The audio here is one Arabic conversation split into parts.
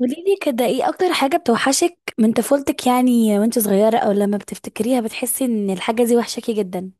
قولي لي كده ايه اكتر حاجة بتوحشك من طفولتك يعني وانت صغيرة او لما بتفتكريها بتحسي ان الحاجة دي وحشاكي جدا؟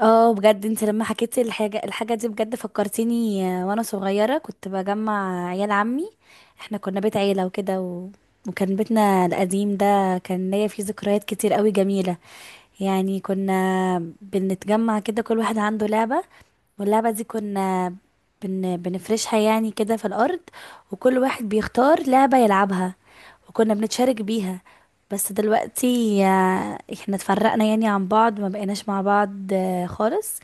اه بجد انت لما حكيتي الحاجة دي بجد فكرتيني. وانا صغيرة كنت بجمع عيال عمي. احنا كنا بيت عيلة وكده وكان بيتنا القديم ده كان ليا فيه ذكريات كتير قوي جميلة. يعني كنا بنتجمع كده، كل واحد عنده لعبة، واللعبة دي كنا بنفرشها يعني كده في الأرض، وكل واحد بيختار لعبة يلعبها وكنا بنتشارك بيها. بس دلوقتي احنا اتفرقنا يعني عن بعض، ما بقيناش مع بعض خالص.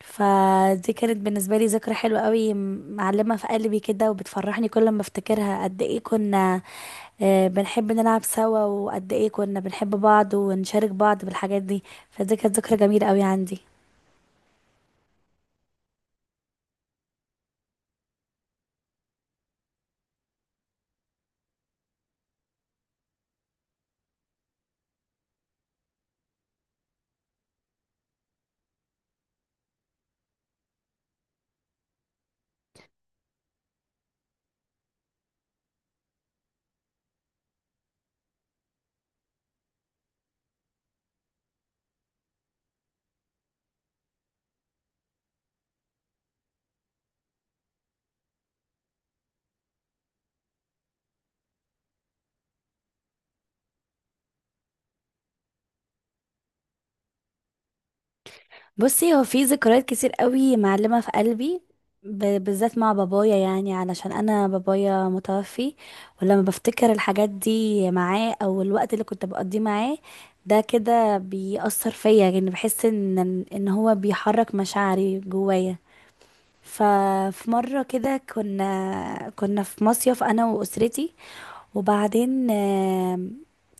فدي كانت بالنسبة لي ذكرى حلوة قوي، معلمة في قلبي كده وبتفرحني كل ما افتكرها، قد ايه كنا بنحب نلعب سوا، وقد ايه كنا بنحب بعض ونشارك بعض بالحاجات دي. فدي كانت ذكرى جميلة قوي عندي. بصي، هو في ذكريات كتير قوي معلمة في قلبي، بالذات مع بابايا، يعني علشان انا بابايا متوفي. ولما بفتكر الحاجات دي معاه او الوقت اللي كنت بقضيه معاه ده كده بيأثر فيا، يعني بحس ان هو بيحرك مشاعري جوايا. ففي مرة كده كنا في مصيف أنا وأسرتي، وبعدين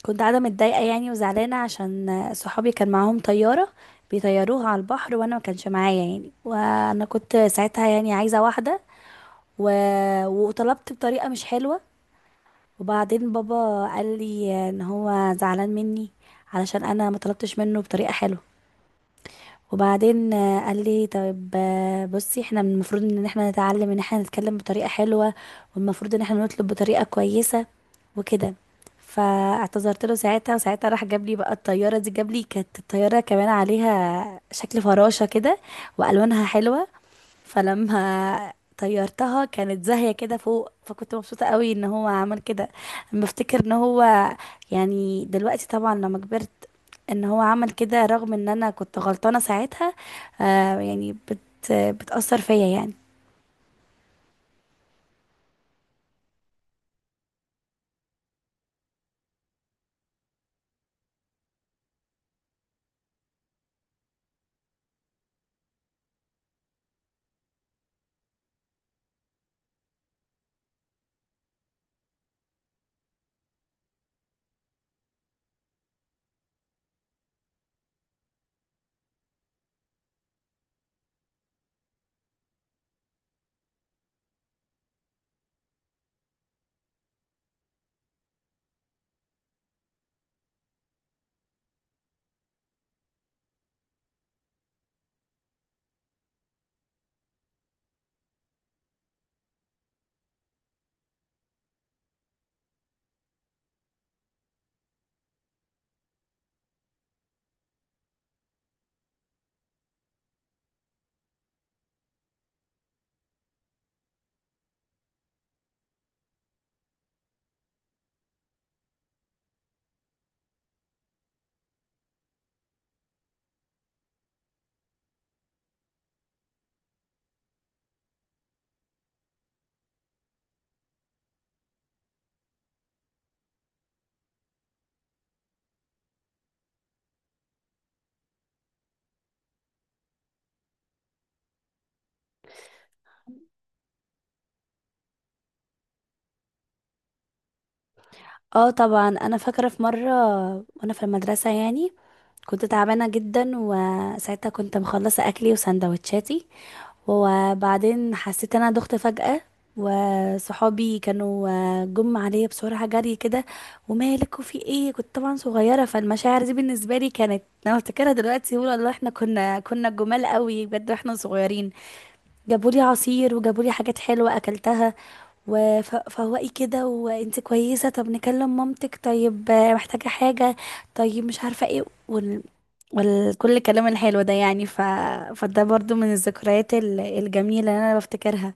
كنت قاعدة متضايقة يعني وزعلانة، عشان صحابي كان معاهم طيارة بيطيروها على البحر وأنا ما كانش معايا، يعني وأنا كنت ساعتها يعني عايزة واحدة و... وطلبت بطريقة مش حلوة. وبعدين بابا قال لي ان هو زعلان مني علشان انا ما طلبتش منه بطريقة حلوة. وبعدين قال لي طيب، بصي، احنا من المفروض ان احنا نتعلم ان احنا نتكلم بطريقة حلوة والمفروض ان احنا نطلب بطريقة كويسة وكده. فاعتذرت له ساعتها، وساعتها راح جاب لي بقى الطيارة دي، جاب لي كانت الطيارة كمان عليها شكل فراشة كده وألوانها حلوة. فلما طيرتها كانت زاهية كده فوق، فكنت مبسوطة قوي ان هو عمل كده. بفتكر ان هو، يعني دلوقتي طبعا لما كبرت، ان هو عمل كده رغم ان انا كنت غلطانة ساعتها. آه يعني بتأثر فيا يعني. اه طبعا انا فاكرة في مرة وانا في المدرسة يعني، كنت تعبانة جدا وساعتها كنت مخلصة اكلي وسندوتشاتي، وبعدين حسيت ان انا دخت فجأة، وصحابي كانوا جم عليا بسرعة جري كده، ومالك وفي ايه؟ كنت طبعا صغيرة، فالمشاعر دي بالنسبة لي كانت، انا افتكرها دلوقتي بقول الله، احنا كنا جمال قوي بجد واحنا صغيرين. جابوا لي عصير وجابوا لي حاجات حلوة أكلتها، وفوقي كده، وانت كويسة؟ طب نكلم مامتك؟ طيب، محتاجة حاجة؟ طيب مش عارفة ايه والكل، الكلام الحلو ده يعني. فده برضو من الذكريات الجميلة اللي انا بفتكرها.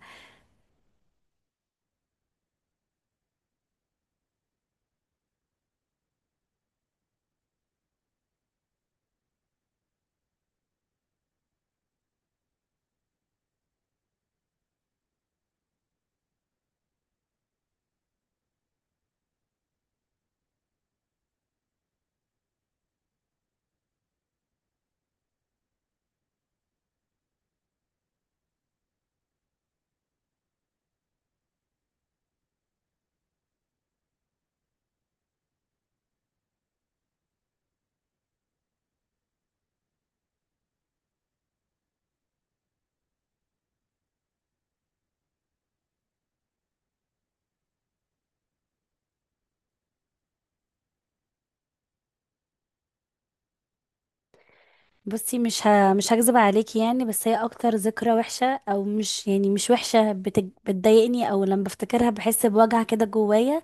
بصي، مش هكذب عليكي يعني، بس هي اكتر ذكرى وحشة، او مش يعني مش وحشة، بتضايقني، او لما بفتكرها بحس بوجع كده جوايا،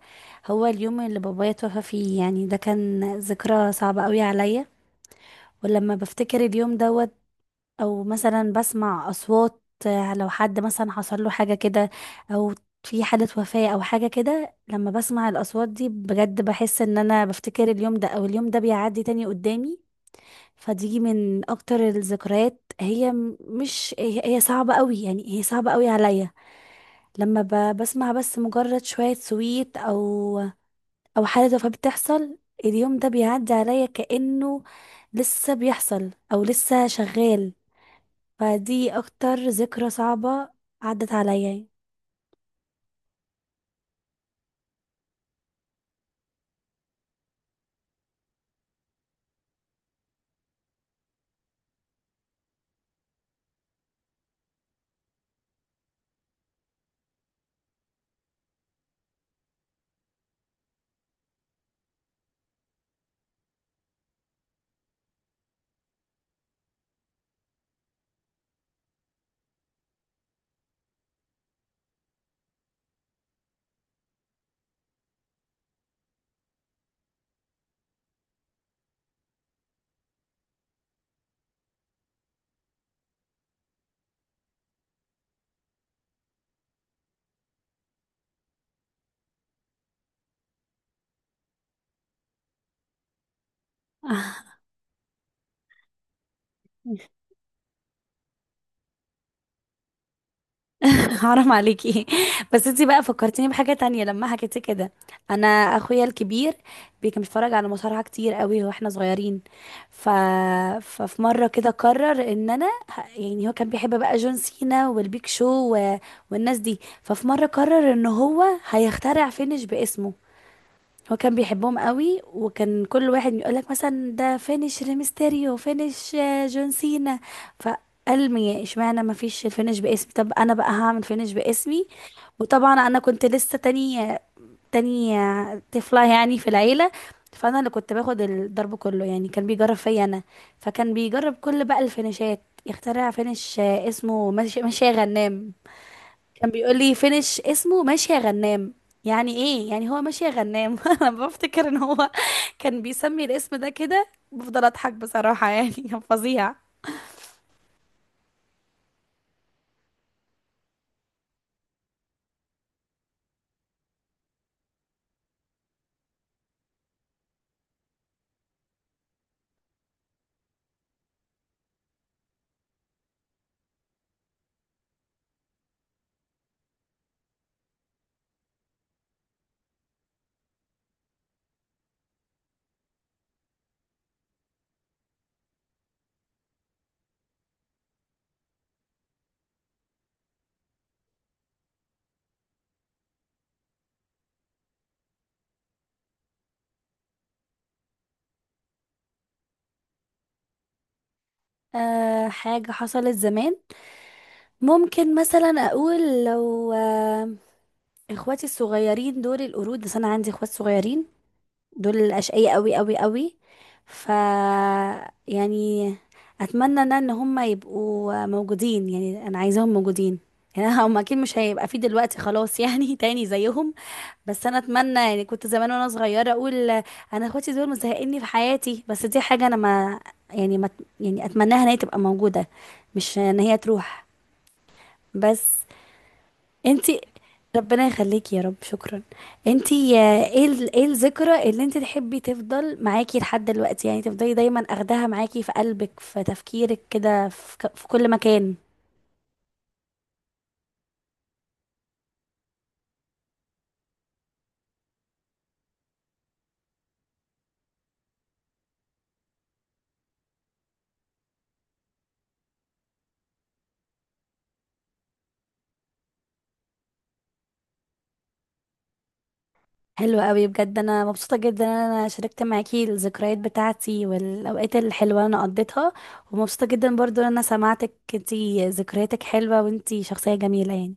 هو اليوم اللي بابايا توفى فيه. يعني ده كان ذكرى صعبة قوي عليا. ولما بفتكر اليوم دوت، او مثلا بسمع اصوات، لو حد مثلا حصل له حاجة كده، او في حالة وفاة او حاجة كده، لما بسمع الاصوات دي بجد بحس ان انا بفتكر اليوم ده، او اليوم ده بيعدي تاني قدامي. فدي من اكتر الذكريات، هي م- مش هي هي صعبة قوي، يعني هي صعبة قوي عليا. لما بسمع بس مجرد شوية سويت، او او حاجه زي فبتحصل، اليوم ده بيعدي عليا كانه لسه بيحصل او لسه شغال. فدي اكتر ذكرى صعبه عدت عليا. حرام عليكي. بس انتي بقى فكرتيني بحاجة تانية لما حكيتي كده. انا اخويا الكبير كان بيتفرج على مصارعة كتير قوي واحنا صغيرين. ف... ففي مرة كده قرر ان يعني هو كان بيحب بقى جون سينا والبيك شو و... والناس دي. ففي مرة قرر ان هو هيخترع فينش باسمه. هو كان بيحبهم قوي، وكان كل واحد يقولك مثلا ده فينش ريمستيريو، فينش جون سينا. فقال مي اشمعنى ما فيش الفينش باسمي، طب انا بقى هعمل فينش باسمي. وطبعا انا كنت لسه تانية طفلة يعني في العيلة، فانا اللي كنت باخد الضرب كله يعني، كان بيجرب فيا انا. فكان بيجرب كل بقى الفينشات، يخترع فينش اسمه ماشي يا غنام. كان بيقول لي فينش اسمه ماشي يا غنام، يعني ايه يعني هو ماشي يا غنام؟ انا بفتكر ان هو كان بيسمي الاسم ده كده، بفضل اضحك بصراحة، يعني كان فظيع. أه حاجة حصلت زمان، ممكن مثلا اقول، لو أه اخواتي الصغيرين دول القرود، بس انا عندي اخوات صغيرين دول الأشقياء قوي قوي قوي. ف يعني اتمنى انا ان هم يبقوا موجودين، يعني انا عايزاهم موجودين. يعني هم اكيد مش هيبقى في دلوقتي خلاص يعني تاني زيهم. بس انا اتمنى، يعني كنت زمان وانا صغيره اقول انا اخواتي دول مزهقني في حياتي، بس دي حاجه انا ما يعني ما يعني اتمناها ان هي تبقى موجوده، مش ان هي تروح بس. انتي، ربنا يخليكي يا رب، شكرا. انتي ايه ايه الذكرى اللي انتي تحبي تفضل معاكي لحد دلوقتي، يعني تفضلي دايما اخداها معاكي في قلبك، في تفكيرك كده، في, في كل مكان؟ حلو قوي بجد، انا مبسوطة جدا ان انا شاركت معاكي الذكريات بتاعتي والاوقات الحلوة اللي انا قضيتها، ومبسوطة جدا برضو ان انا سمعتك انتي ذكرياتك حلوة وانتي شخصية جميلة يعني.